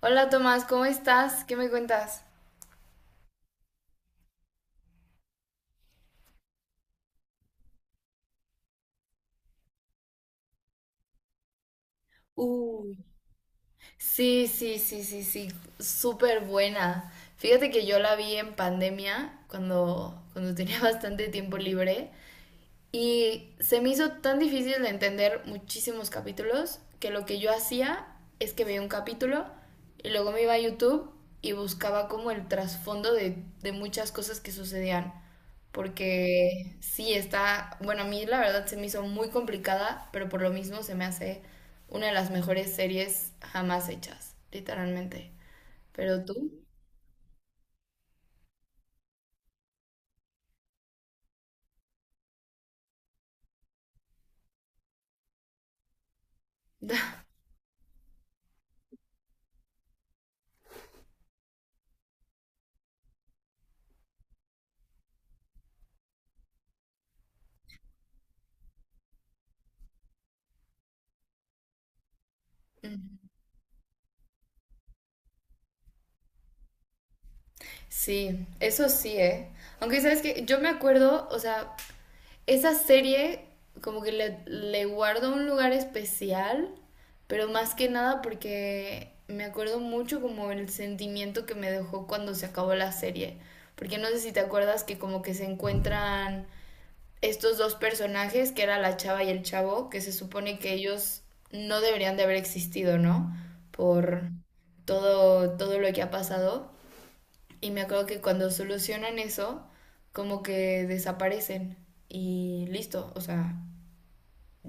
Hola Tomás, ¿cómo estás? ¿Qué me cuentas? Uy, sí, sí, sí, sí, sí, súper buena. Fíjate que yo la vi en pandemia, cuando tenía bastante tiempo libre. Y se me hizo tan difícil de entender muchísimos capítulos que lo que yo hacía es que veía un capítulo y luego me iba a YouTube y buscaba como el trasfondo de muchas cosas que sucedían. Porque sí, está, bueno, a mí la verdad se me hizo muy complicada, pero por lo mismo se me hace una de las mejores series jamás hechas, literalmente. Pero tú... Sí, eso sí, ¿eh? Aunque sabes que yo me acuerdo, o sea, esa serie como que le guardo un lugar especial, pero más que nada porque me acuerdo mucho como el sentimiento que me dejó cuando se acabó la serie. Porque no sé si te acuerdas que como que se encuentran estos dos personajes, que era la chava y el chavo, que se supone que ellos no deberían de haber existido, ¿no? Por todo lo que ha pasado. Y me acuerdo que cuando solucionan eso, como que desaparecen y listo, o sea,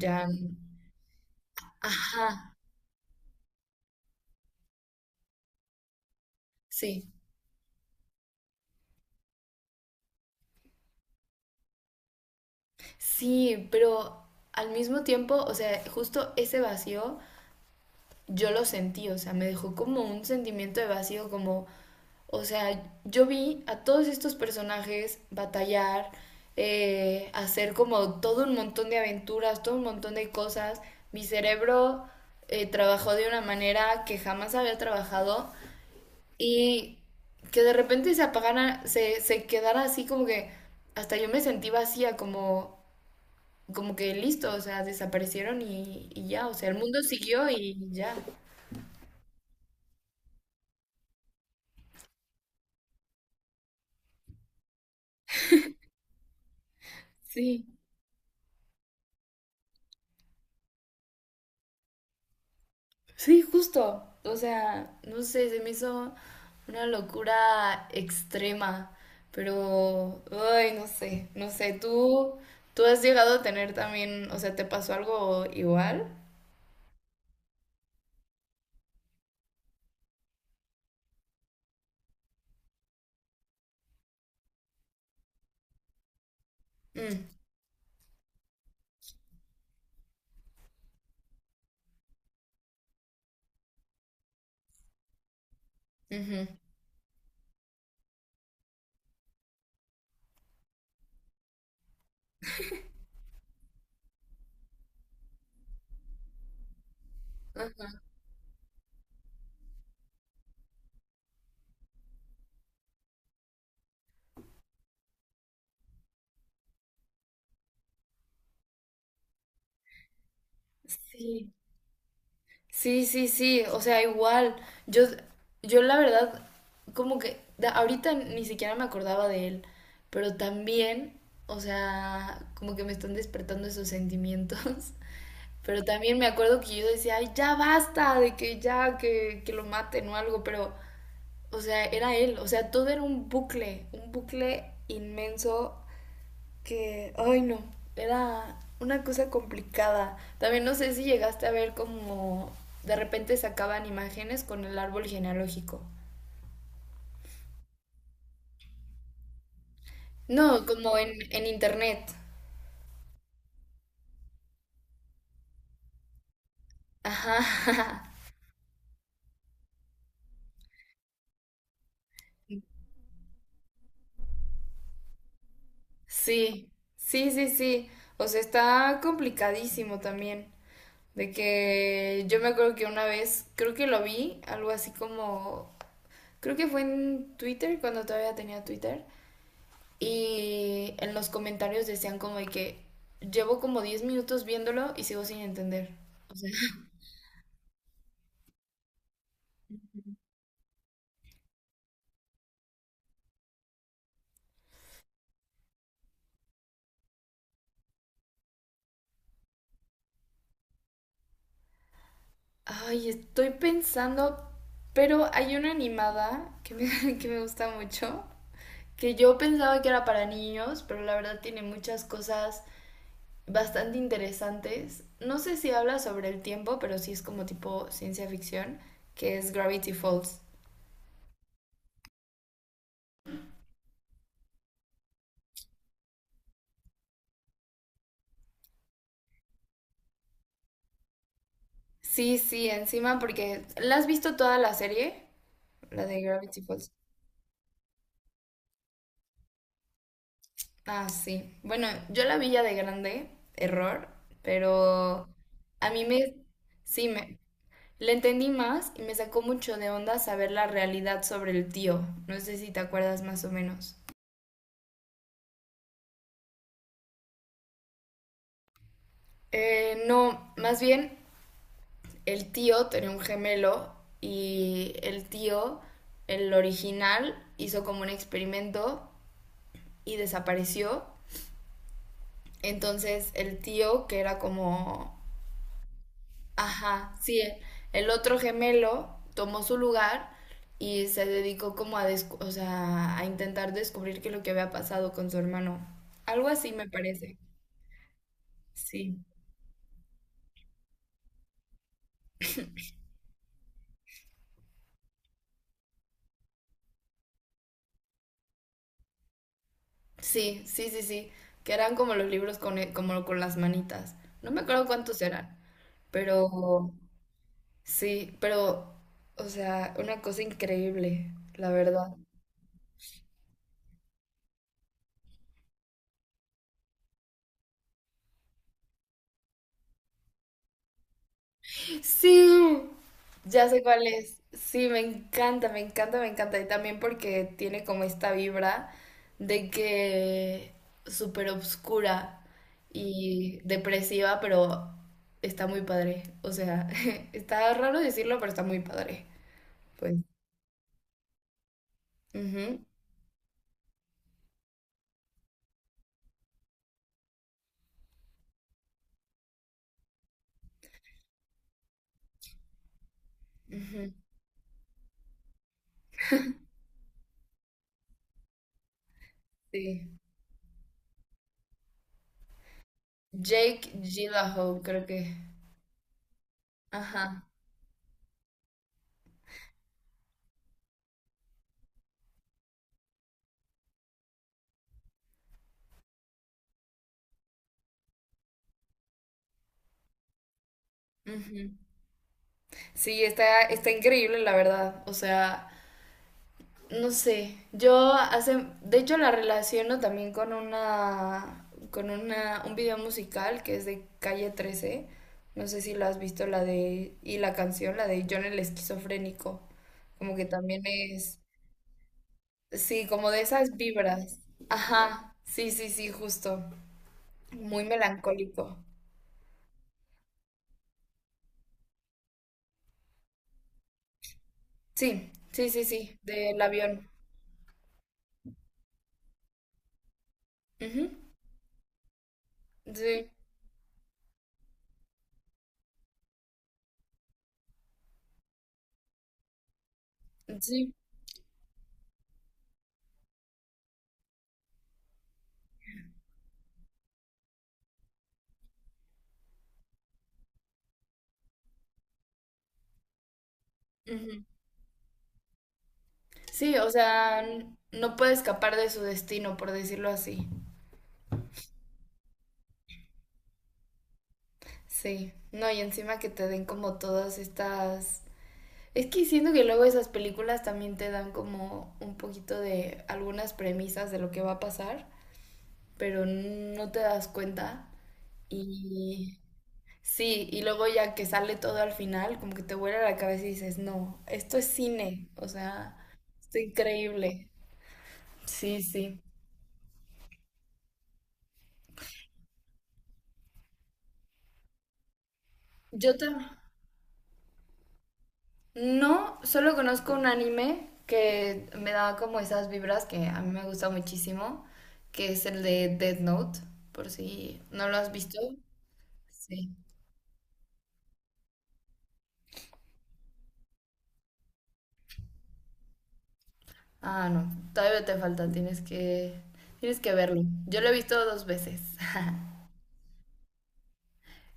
ya... Ajá, sí, sí, pero al mismo tiempo, o sea, justo ese vacío yo lo sentí, o sea, me dejó como un sentimiento de vacío, como o sea, yo vi a todos estos personajes batallar, hacer como todo un montón de aventuras, todo un montón de cosas. Mi cerebro trabajó de una manera que jamás había trabajado y que de repente se apagara, se quedara así como que hasta yo me sentí vacía, como, como que listo, o sea, desaparecieron y ya, o sea, el mundo siguió y ya. Sí. Sí, justo. O sea, no sé, se me hizo una locura extrema, pero, ay, no sé, no sé, tú has llegado a tener también, o sea, ¿te pasó algo igual? Mm, ujú. Ah, sí. Sí, sí, sí, o sea, igual, yo, yo la verdad, como que ahorita ni siquiera me acordaba de él, pero también, o sea, como que me están despertando esos sentimientos, pero también me acuerdo que yo decía, ay, ya basta, de que ya, que lo maten o algo, pero, o sea, era él, o sea, todo era un bucle inmenso que, ay no, era una cosa complicada. También no sé si llegaste a ver como de repente sacaban imágenes con el árbol genealógico. No, como en internet. Ajá, sí, sí, sí, sí. O sea, está complicadísimo también. De que yo me acuerdo que una vez, creo que lo vi, algo así como, creo que fue en Twitter, cuando todavía tenía Twitter. Y en los comentarios decían como de que llevo como 10 minutos viéndolo y sigo sin entender. O sea, ay, estoy pensando, pero hay una animada que que me gusta mucho, que yo pensaba que era para niños, pero la verdad tiene muchas cosas bastante interesantes. No sé si habla sobre el tiempo, pero sí es como tipo ciencia ficción, que es Gravity Falls. Sí, sí, encima porque... ¿La has visto toda la serie? La de Gravity Falls. Ah, sí. Bueno, yo la vi ya de grande, error, pero a mí sí, le entendí más y me sacó mucho de onda saber la realidad sobre el tío. No sé si te acuerdas más o menos. No, más bien el tío tenía un gemelo y el tío, el original, hizo como un experimento y desapareció. Entonces el tío, que era como... Ajá, sí, el otro gemelo tomó su lugar y se dedicó como a, o sea, a intentar descubrir qué es lo que había pasado con su hermano. Algo así me parece. Sí. Sí, sí, sí, sí. Que eran como los libros con, como con las manitas. No me acuerdo cuántos eran, pero sí, pero, o sea, una cosa increíble, la verdad. Sí, ya sé cuál es. Sí, me encanta, me encanta, me encanta. Y también porque tiene como esta vibra de que súper obscura y depresiva, pero está muy padre. O sea, está raro decirlo, pero está muy padre. Pues, ujú, ujú, sí. Jake Gyllenhaal, creo que. Ajá. Ujú. Sí, está increíble, la verdad. O sea. No sé, yo hace, de hecho la relaciono también un video musical que es de Calle 13. No sé si lo has visto, la de, y la canción, la de John el esquizofrénico. Como que también es, sí, como de esas vibras. Ajá, sí, sí, sí, justo. Muy melancólico. Sí, sí, sí, sí, del avión. Ujú, sí, sí. Sí, o sea, no puede escapar de su destino, por decirlo así. Sí, no, y encima que te den como todas estas... Es que siento que luego esas películas también te dan como un poquito de algunas premisas de lo que va a pasar, pero no te das cuenta. Y sí, y luego ya que sale todo al final, como que te vuela la cabeza y dices, no, esto es cine, o sea, esto es increíble. Sí, sí. Yo también. No, solo conozco un anime que me da como esas vibras que a mí me gusta muchísimo, que es el de Death Note, por si no lo has visto. Sí. Ah, no, todavía te falta, tienes que verlo. Yo lo he visto dos veces.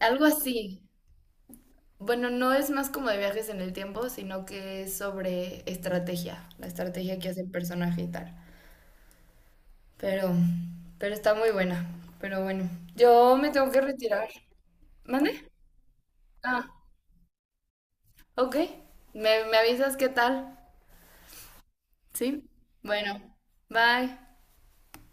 Algo así. Bueno, no es más como de viajes en el tiempo, sino que es sobre estrategia, la estrategia que hace el personaje y tal. Pero, pero está muy buena. Pero bueno, yo me tengo que retirar. ¿Mande? Ah, ok. Me avisas qué tal. Sí. Bueno, bye.